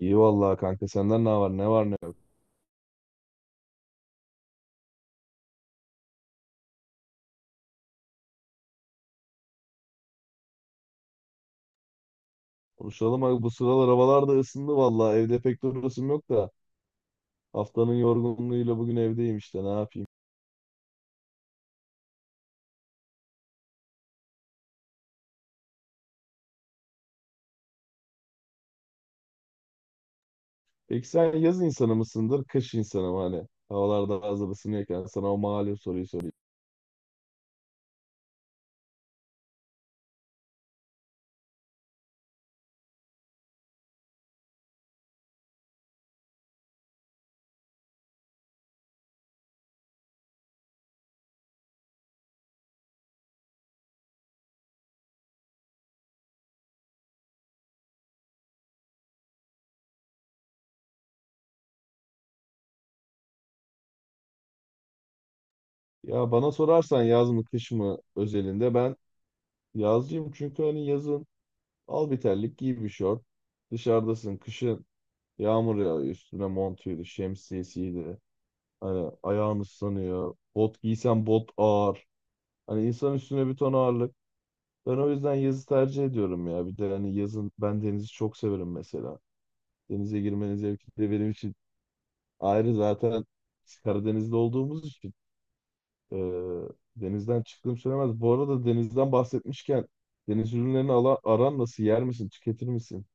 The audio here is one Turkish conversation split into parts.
İyi vallahi kanka senden ne var ne var ne yok. Konuşalım abi, bu sıralar havalar da ısındı vallahi, evde pek durasım yok da haftanın yorgunluğuyla bugün evdeyim işte, ne yapayım. Peki sen yaz insanı mısındır kış insanı mı, hani havalarda hazır ısınıyorken sana o malum soruyu sorayım. Ya bana sorarsan yaz mı kış mı özelinde ben yazcıyım, çünkü hani yazın al bir terlik giy bir şort dışarıdasın, kışın yağmur yağıyor üstüne montuydu şemsiyesiydi hani ayağın ıslanıyor, bot giysen bot ağır. Hani insan üstüne bir ton ağırlık. Ben o yüzden yazı tercih ediyorum ya. Bir de hani yazın ben denizi çok severim mesela. Denize girmenin zevki de benim için ayrı zaten, biz Karadeniz'de olduğumuz için e, denizden çıktığım söylemez. Bu arada denizden bahsetmişken deniz ürünlerini aran nasıl? Yer misin? Tüketir misin?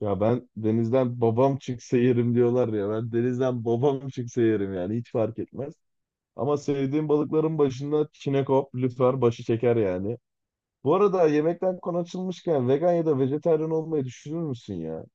Ya ben denizden babam çıksa yerim diyorlar ya. Ben denizden babam çıksa yerim, yani hiç fark etmez. Ama sevdiğim balıkların başında çinekop, lüfer başı çeker yani. Bu arada yemekten konu açılmışken vegan ya da vejetaryen olmayı düşünür müsün ya?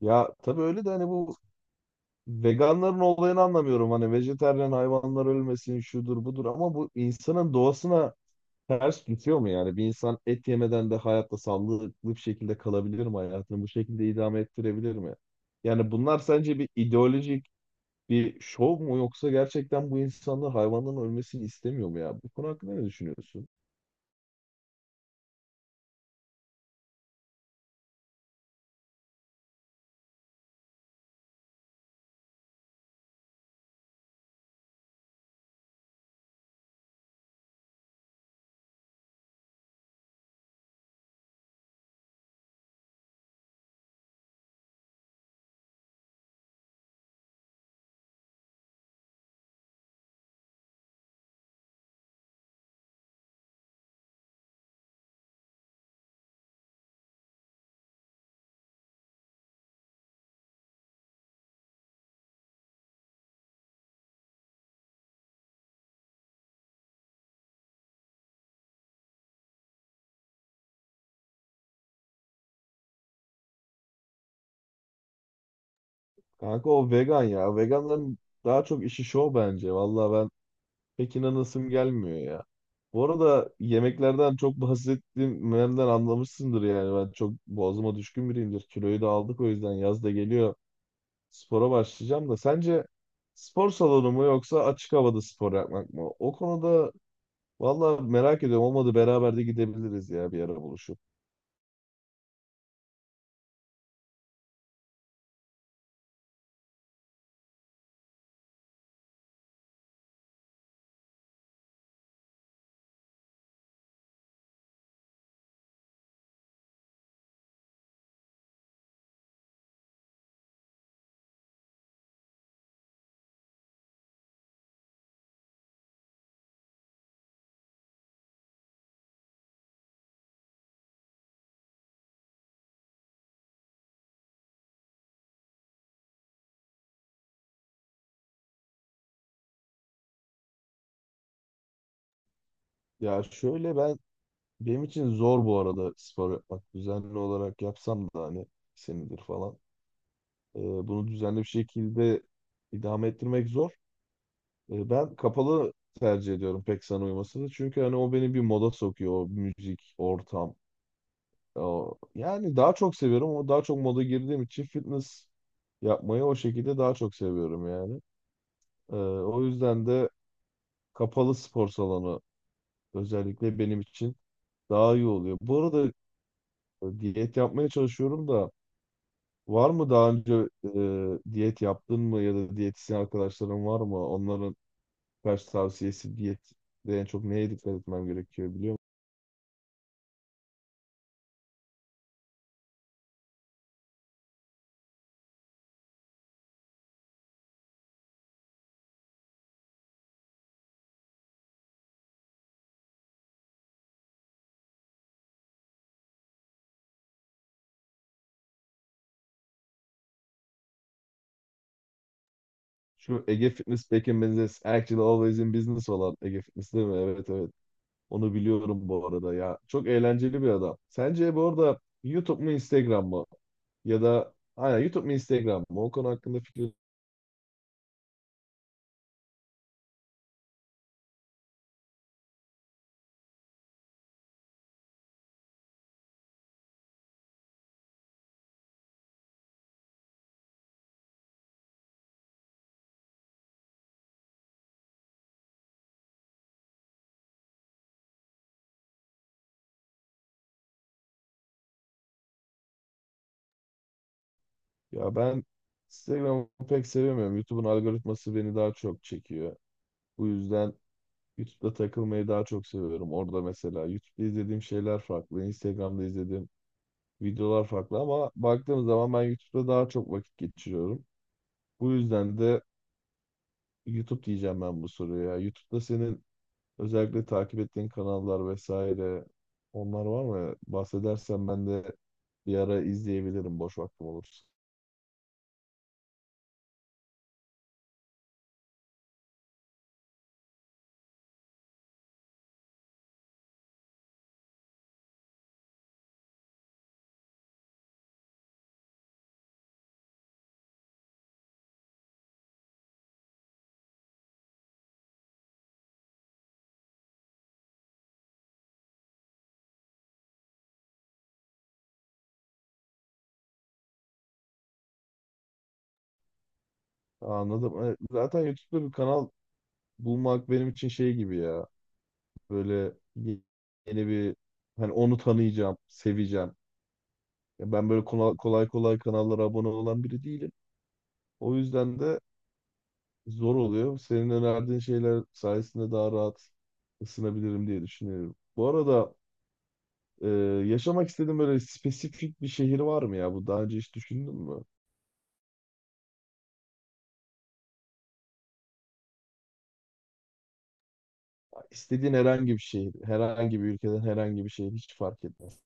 Ya tabii öyle de hani bu veganların olayını anlamıyorum. Hani vejetaryen, hayvanlar ölmesin şudur budur, ama bu insanın doğasına ters gidiyor mu yani? Bir insan et yemeden de hayatta sağlıklı bir şekilde kalabilir mi? Hayatını bu şekilde idame ettirebilir mi? Yani bunlar sence bir ideolojik bir şov mu, yoksa gerçekten bu insanlar hayvanların ölmesini istemiyor mu ya? Bu konu hakkında ne düşünüyorsun? Kanka o vegan ya. Veganların daha çok işi şov bence. Vallahi ben pek inanasım gelmiyor ya. Bu arada yemeklerden çok bahsettiğimden anlamışsındır yani. Ben çok boğazıma düşkün biriyimdir. Kiloyu da aldık, o yüzden yaz da geliyor. Spora başlayacağım da sence spor salonu mu yoksa açık havada spor yapmak mı? O konuda vallahi merak ediyorum. Olmadı beraber de gidebiliriz ya, bir ara buluşup. Ya şöyle, ben, benim için zor bu arada spor yapmak. Düzenli olarak yapsam da hani senedir falan. E, Bunu düzenli bir şekilde idame ettirmek zor. E, ben kapalı tercih ediyorum, pek sana uymasını. Çünkü hani o beni bir moda sokuyor, o müzik, ortam. O, yani daha çok seviyorum, ama daha çok moda girdiğim için fitness yapmayı o şekilde daha çok seviyorum yani. E, O yüzden de kapalı spor salonu özellikle benim için daha iyi oluyor. Bu arada diyet yapmaya çalışıyorum da, var mı daha önce diyet yaptın mı, ya da diyetisyen arkadaşların var mı? Onların kaç tavsiyesi, diyet de en çok neye dikkat etmem gerekiyor biliyor musun? Şu Ege Fitness back in business, actually always in business olan Ege Fitness değil mi? Evet, evet. Onu biliyorum bu arada ya. Çok eğlenceli bir adam. Sence bu arada YouTube mu Instagram mı? Ya da aynen, YouTube mu Instagram mı? O konu hakkında fikir. Ya ben Instagram'ı pek sevemiyorum. YouTube'un algoritması beni daha çok çekiyor. Bu yüzden YouTube'da takılmayı daha çok seviyorum. Orada mesela YouTube'da izlediğim şeyler farklı, Instagram'da izlediğim videolar farklı, ama baktığım zaman ben YouTube'da daha çok vakit geçiriyorum. Bu yüzden de YouTube diyeceğim ben bu soruya. Ya, YouTube'da senin özellikle takip ettiğin kanallar vesaire onlar var mı? Bahsedersen ben de bir ara izleyebilirim, boş vaktim olursa. Anladım. E, zaten YouTube'da bir kanal bulmak benim için şey gibi ya. Böyle ye- yeni bir, hani onu tanıyacağım, seveceğim. Ya ben böyle kolay kolay kanallara abone olan biri değilim. O yüzden de zor oluyor. Senin önerdiğin şeyler sayesinde daha rahat ısınabilirim diye düşünüyorum. Bu arada e, yaşamak istediğin böyle spesifik bir şehir var mı ya? Bu daha önce hiç düşündün mü? İstediğin herhangi bir şehir, herhangi bir ülkeden herhangi bir şehir, hiç fark etmez.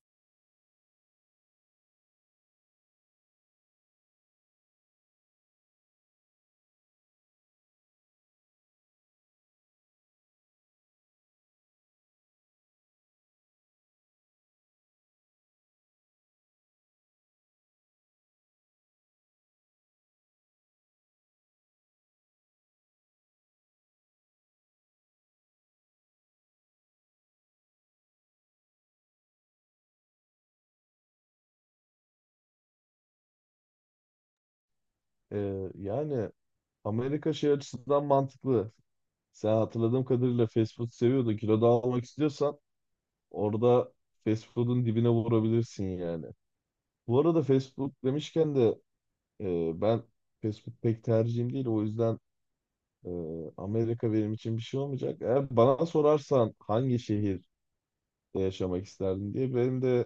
E, yani Amerika şey açısından mantıklı. Sen hatırladığım kadarıyla fast food seviyordun. Kilo da almak istiyorsan orada fast food'un dibine vurabilirsin yani. Bu arada fast food demişken de ben fast food pek tercihim değil. O yüzden Amerika benim için bir şey olmayacak. Eğer bana sorarsan hangi şehirde yaşamak isterdin diye, benim de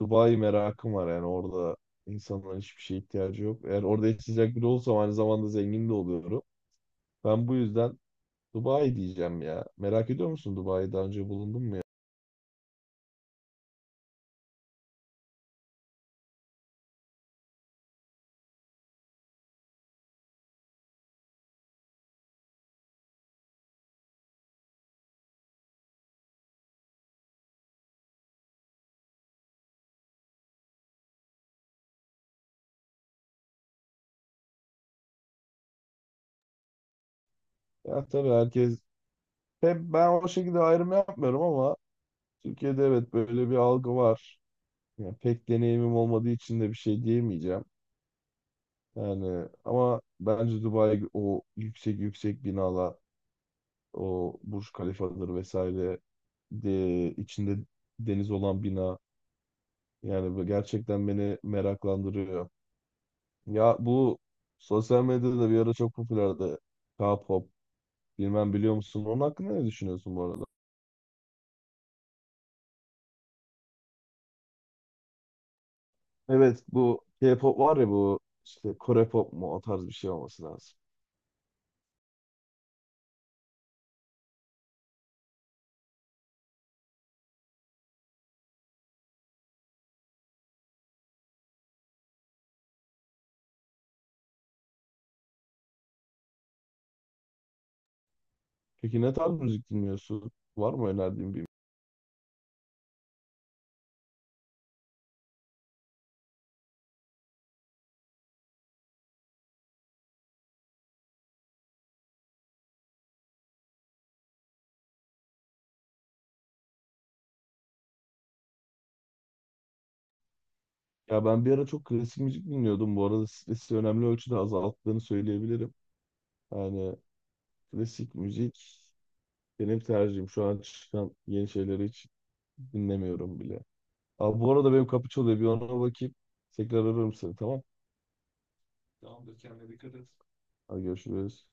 Dubai merakım var. Yani orada insanların hiçbir şeye ihtiyacı yok. Eğer orada yaşayacak biri olsam aynı zamanda zengin de oluyorum. Ben bu yüzden Dubai diyeceğim ya. Merak ediyor musun, Dubai'de daha önce bulundun mu ya? Ya tabii herkes, hep ben o şekilde ayrım yapmıyorum ama Türkiye'de evet, böyle bir algı var. Yani pek deneyimim olmadığı için de bir şey diyemeyeceğim. Yani ama bence Dubai, o yüksek yüksek binalar, o Burj Khalifa'dır vesaire de, içinde deniz olan bina, yani bu gerçekten beni meraklandırıyor. Ya bu sosyal medyada bir ara çok popülerdi. K-pop bilmem, biliyor musun? Onun hakkında ne düşünüyorsun bu arada? Evet, bu K-pop var ya, bu işte Kore pop mu, o tarz bir şey olması lazım. Peki ne tarz müzik dinliyorsun? Var mı önerdiğin bir? Ya ben bir ara çok klasik müzik dinliyordum. Bu arada stresi önemli ölçüde azalttığını söyleyebilirim. Yani klasik müzik benim tercihim. Şu an çıkan yeni şeyleri hiç dinlemiyorum bile. Abi bu arada benim kapı çalıyor. Bir ona bakayım. Tekrar ararım seni, tamam. Tamamdır, kendine dikkat et. Hadi görüşürüz.